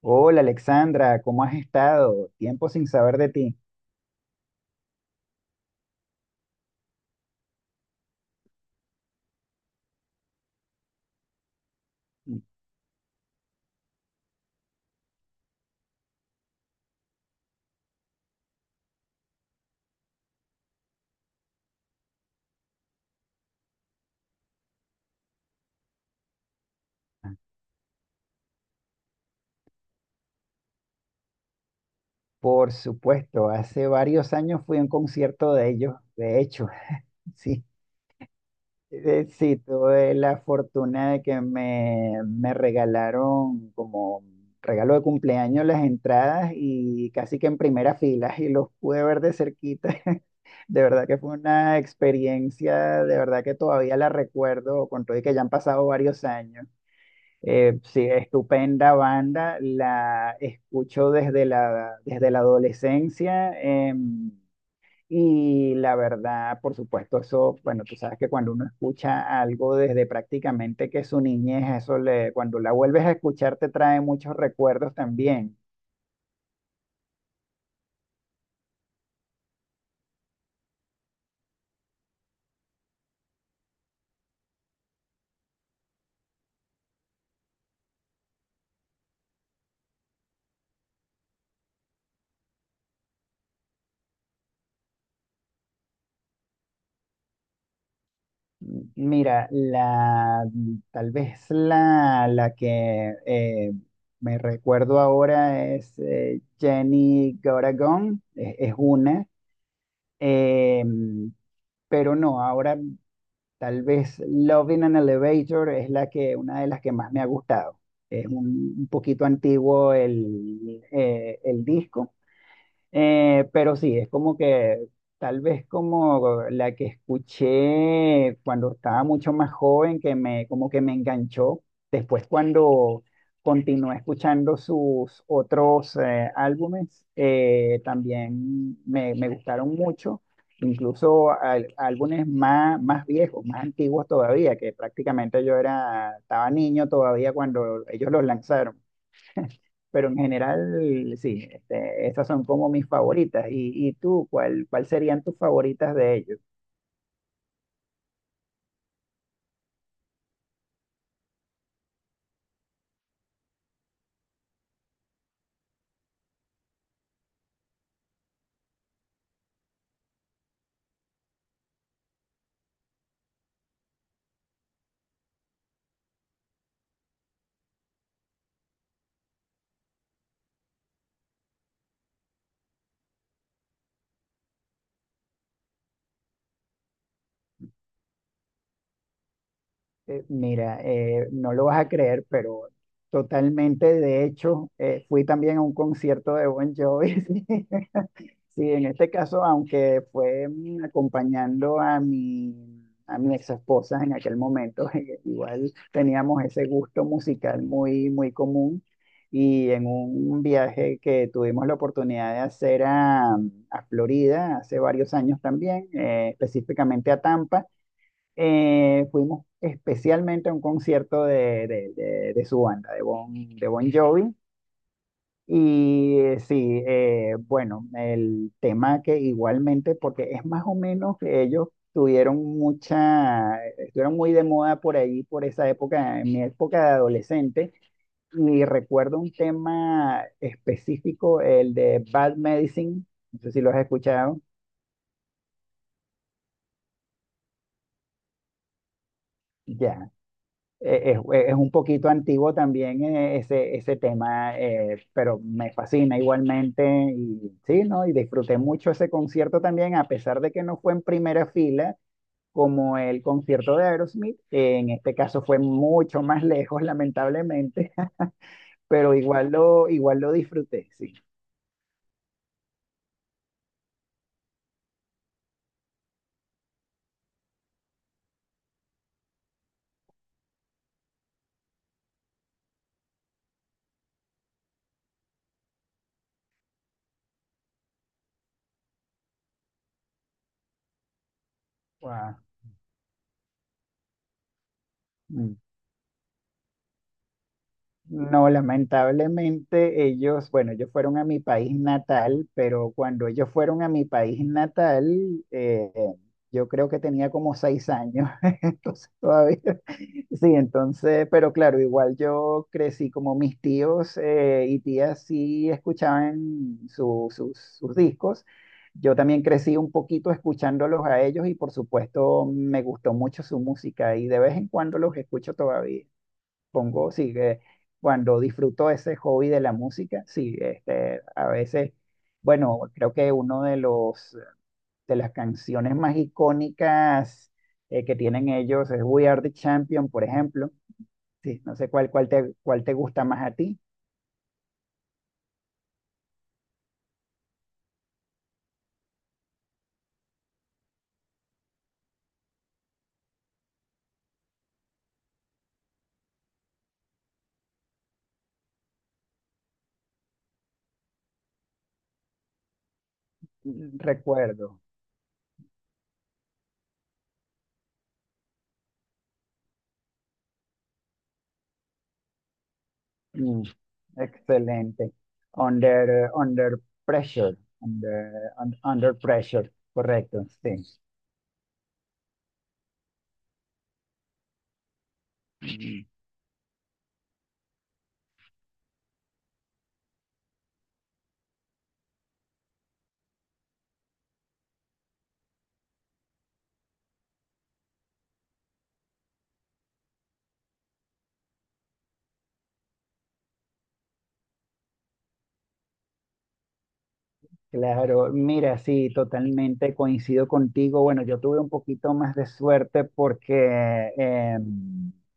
Hola Alexandra, ¿cómo has estado? Tiempo sin saber de ti. Por supuesto, hace varios años fui a un concierto de ellos, de hecho, sí. Sí, tuve la fortuna de que me regalaron como regalo de cumpleaños las entradas y casi que en primera fila y los pude ver de cerquita. De verdad que fue una experiencia, de verdad que todavía la recuerdo, con todo y que ya han pasado varios años. Sí, estupenda banda, la escucho desde desde la adolescencia. Y la verdad, por supuesto, eso, bueno, tú sabes que cuando uno escucha algo desde prácticamente que su niñez, eso le, cuando la vuelves a escuchar te trae muchos recuerdos también. Mira, tal vez la que me recuerdo ahora es Jenny Goragón, es una, eh, pero no, ahora tal vez Love in an Elevator es la que, una de las que más me ha gustado. Es un poquito antiguo el disco, pero sí, es como que tal vez como la que escuché cuando estaba mucho más joven, que me, como que me enganchó. Después cuando continué escuchando sus otros álbumes, también me gustaron mucho, incluso álbumes más, más viejos, más antiguos todavía, que prácticamente yo era, estaba niño todavía cuando ellos los lanzaron, pero en general, sí, este, esas son como mis favoritas. Y tú, cuál, cuál serían tus favoritas de ellos? Mira, no lo vas a creer, pero totalmente, de hecho, fui también a un concierto de Bon Jovi. Sí, en este caso, aunque fue acompañando a a mi ex esposa en aquel momento, igual teníamos ese gusto musical muy, muy común. Y en un viaje que tuvimos la oportunidad de hacer a Florida hace varios años también, específicamente a Tampa, fuimos especialmente a un concierto de su banda, de Bon Jovi. Y sí, bueno, el tema que igualmente, porque es más o menos que ellos tuvieron mucha, estuvieron muy de moda por ahí, por esa época, en mi época de adolescente, y recuerdo un tema específico, el de Bad Medicine, no sé si lo has escuchado, ya, es un poquito antiguo también ese, ese tema, pero me fascina igualmente y sí, ¿no? Y disfruté mucho ese concierto también, a pesar de que no fue en primera fila como el concierto de Aerosmith, que en este caso fue mucho más lejos, lamentablemente, pero igual lo disfruté, sí. Wow. No, lamentablemente ellos, bueno, ellos fueron a mi país natal, pero cuando ellos fueron a mi país natal, yo creo que tenía como 6 años, entonces todavía, sí, entonces, pero claro, igual yo crecí como mis tíos y tías sí escuchaban sus discos. Yo también crecí un poquito escuchándolos a ellos y por supuesto me gustó mucho su música y de vez en cuando los escucho todavía, pongo, sí, que cuando disfruto ese hobby de la música, sí, este, a veces, bueno, creo que uno de de las canciones más icónicas que tienen ellos es We Are the Champion, por ejemplo. Sí, no sé cuál, cuál te gusta más a ti. Mm, recuerdo. Mm, excelente. Under pressure. Under pressure, correcto, sí. Claro, mira, sí, totalmente coincido contigo. Bueno, yo tuve un poquito más de suerte porque,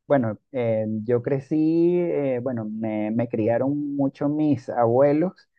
bueno, yo crecí, bueno, me criaron mucho mis abuelos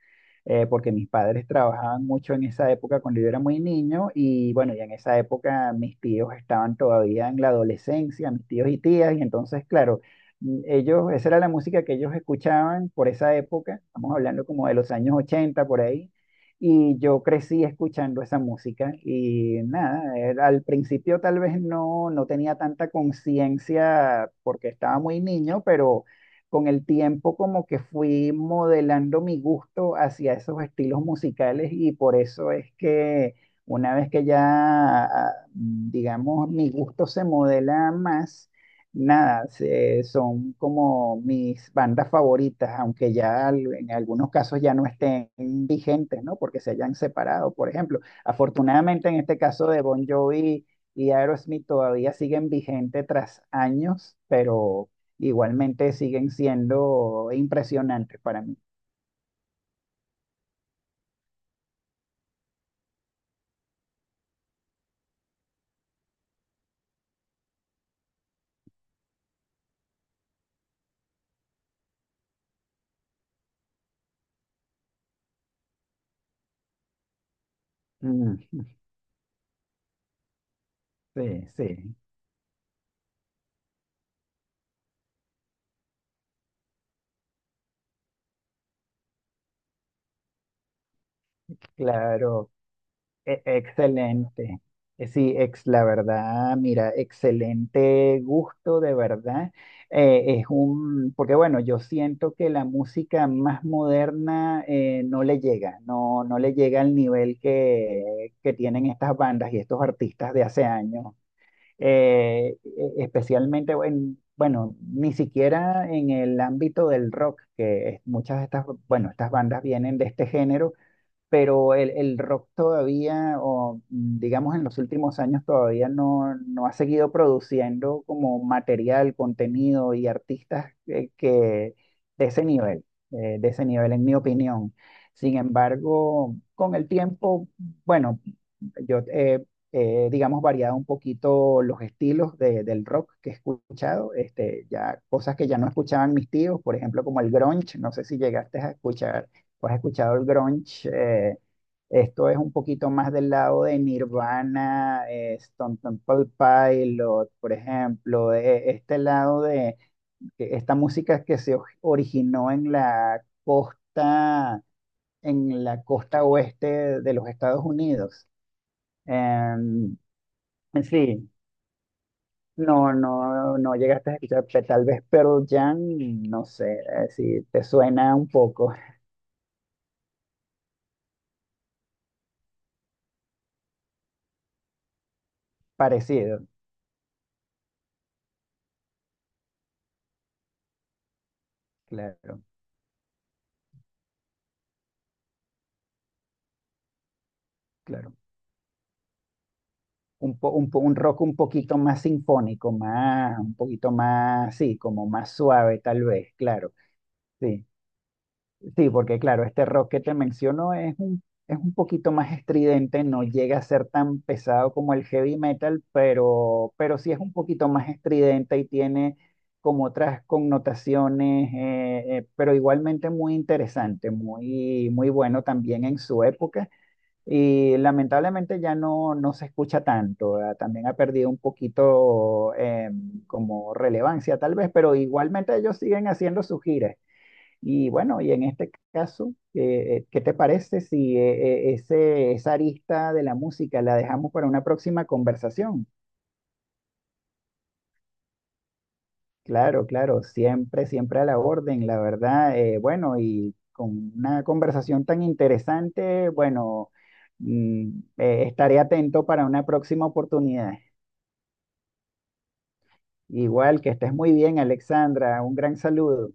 porque mis padres trabajaban mucho en esa época cuando yo era muy niño y bueno, y en esa época mis tíos estaban todavía en la adolescencia, mis tíos y tías, y entonces, claro, ellos, esa era la música que ellos escuchaban por esa época, estamos hablando como de los años 80 por ahí. Y yo crecí escuchando esa música y nada, al principio tal vez no, no tenía tanta conciencia porque estaba muy niño, pero con el tiempo como que fui modelando mi gusto hacia esos estilos musicales y por eso es que una vez que ya, ah, digamos, mi gusto se modela más, nada, son como mis bandas favoritas, aunque ya en algunos casos ya no estén vigentes, ¿no? Porque se hayan separado, por ejemplo. Afortunadamente en este caso de Bon Jovi y Aerosmith todavía siguen vigentes tras años, pero igualmente siguen siendo impresionantes para mí. Mm, sí, sí, claro, excelente. La verdad, mira, excelente gusto, de verdad. Es un, porque bueno, yo siento que la música más moderna no le llega, no, no le llega al nivel que tienen estas bandas y estos artistas de hace años. Especialmente, bueno, ni siquiera en el ámbito del rock, muchas de estas, bueno, estas bandas vienen de este género, pero el rock todavía, o digamos en los últimos años, todavía no, no ha seguido produciendo como material, contenido y artistas que, de ese nivel, de ese nivel, en mi opinión. Sin embargo, con el tiempo, bueno, yo he, digamos, variado un poquito los estilos del rock que he escuchado, este, ya cosas que ya no escuchaban mis tíos, por ejemplo, como el grunge, no sé si llegaste a escuchar o has escuchado el grunge, esto es un poquito más del lado de Nirvana, Stone Temple Pilot, por ejemplo, este lado de que esta música que se originó en la costa oeste de los Estados Unidos. Em, sí, no, no, no llegaste a escuchar, tal vez Pearl Jam, no sé, si te suena un poco parecido, claro, claro. Un rock un poquito más sinfónico, más, un poquito más, sí, como más suave, tal vez, claro, sí. Sí, porque claro, este rock que te menciono es un poquito más estridente, no llega a ser tan pesado como el heavy metal, pero sí es un poquito más estridente y tiene como otras connotaciones, pero igualmente muy interesante, muy, muy bueno también en su época. Y lamentablemente ya no, no se escucha tanto, ¿verdad? También ha perdido un poquito como relevancia tal vez, pero igualmente ellos siguen haciendo sus giras. Y bueno, y en este caso, ¿qué te parece si ese, esa arista de la música la dejamos para una próxima conversación? Claro, claro, siempre, siempre a la orden, la verdad. Bueno, y con una conversación tan interesante, bueno, mm, estaré atento para una próxima oportunidad. Igual que estés muy bien, Alexandra, un gran saludo.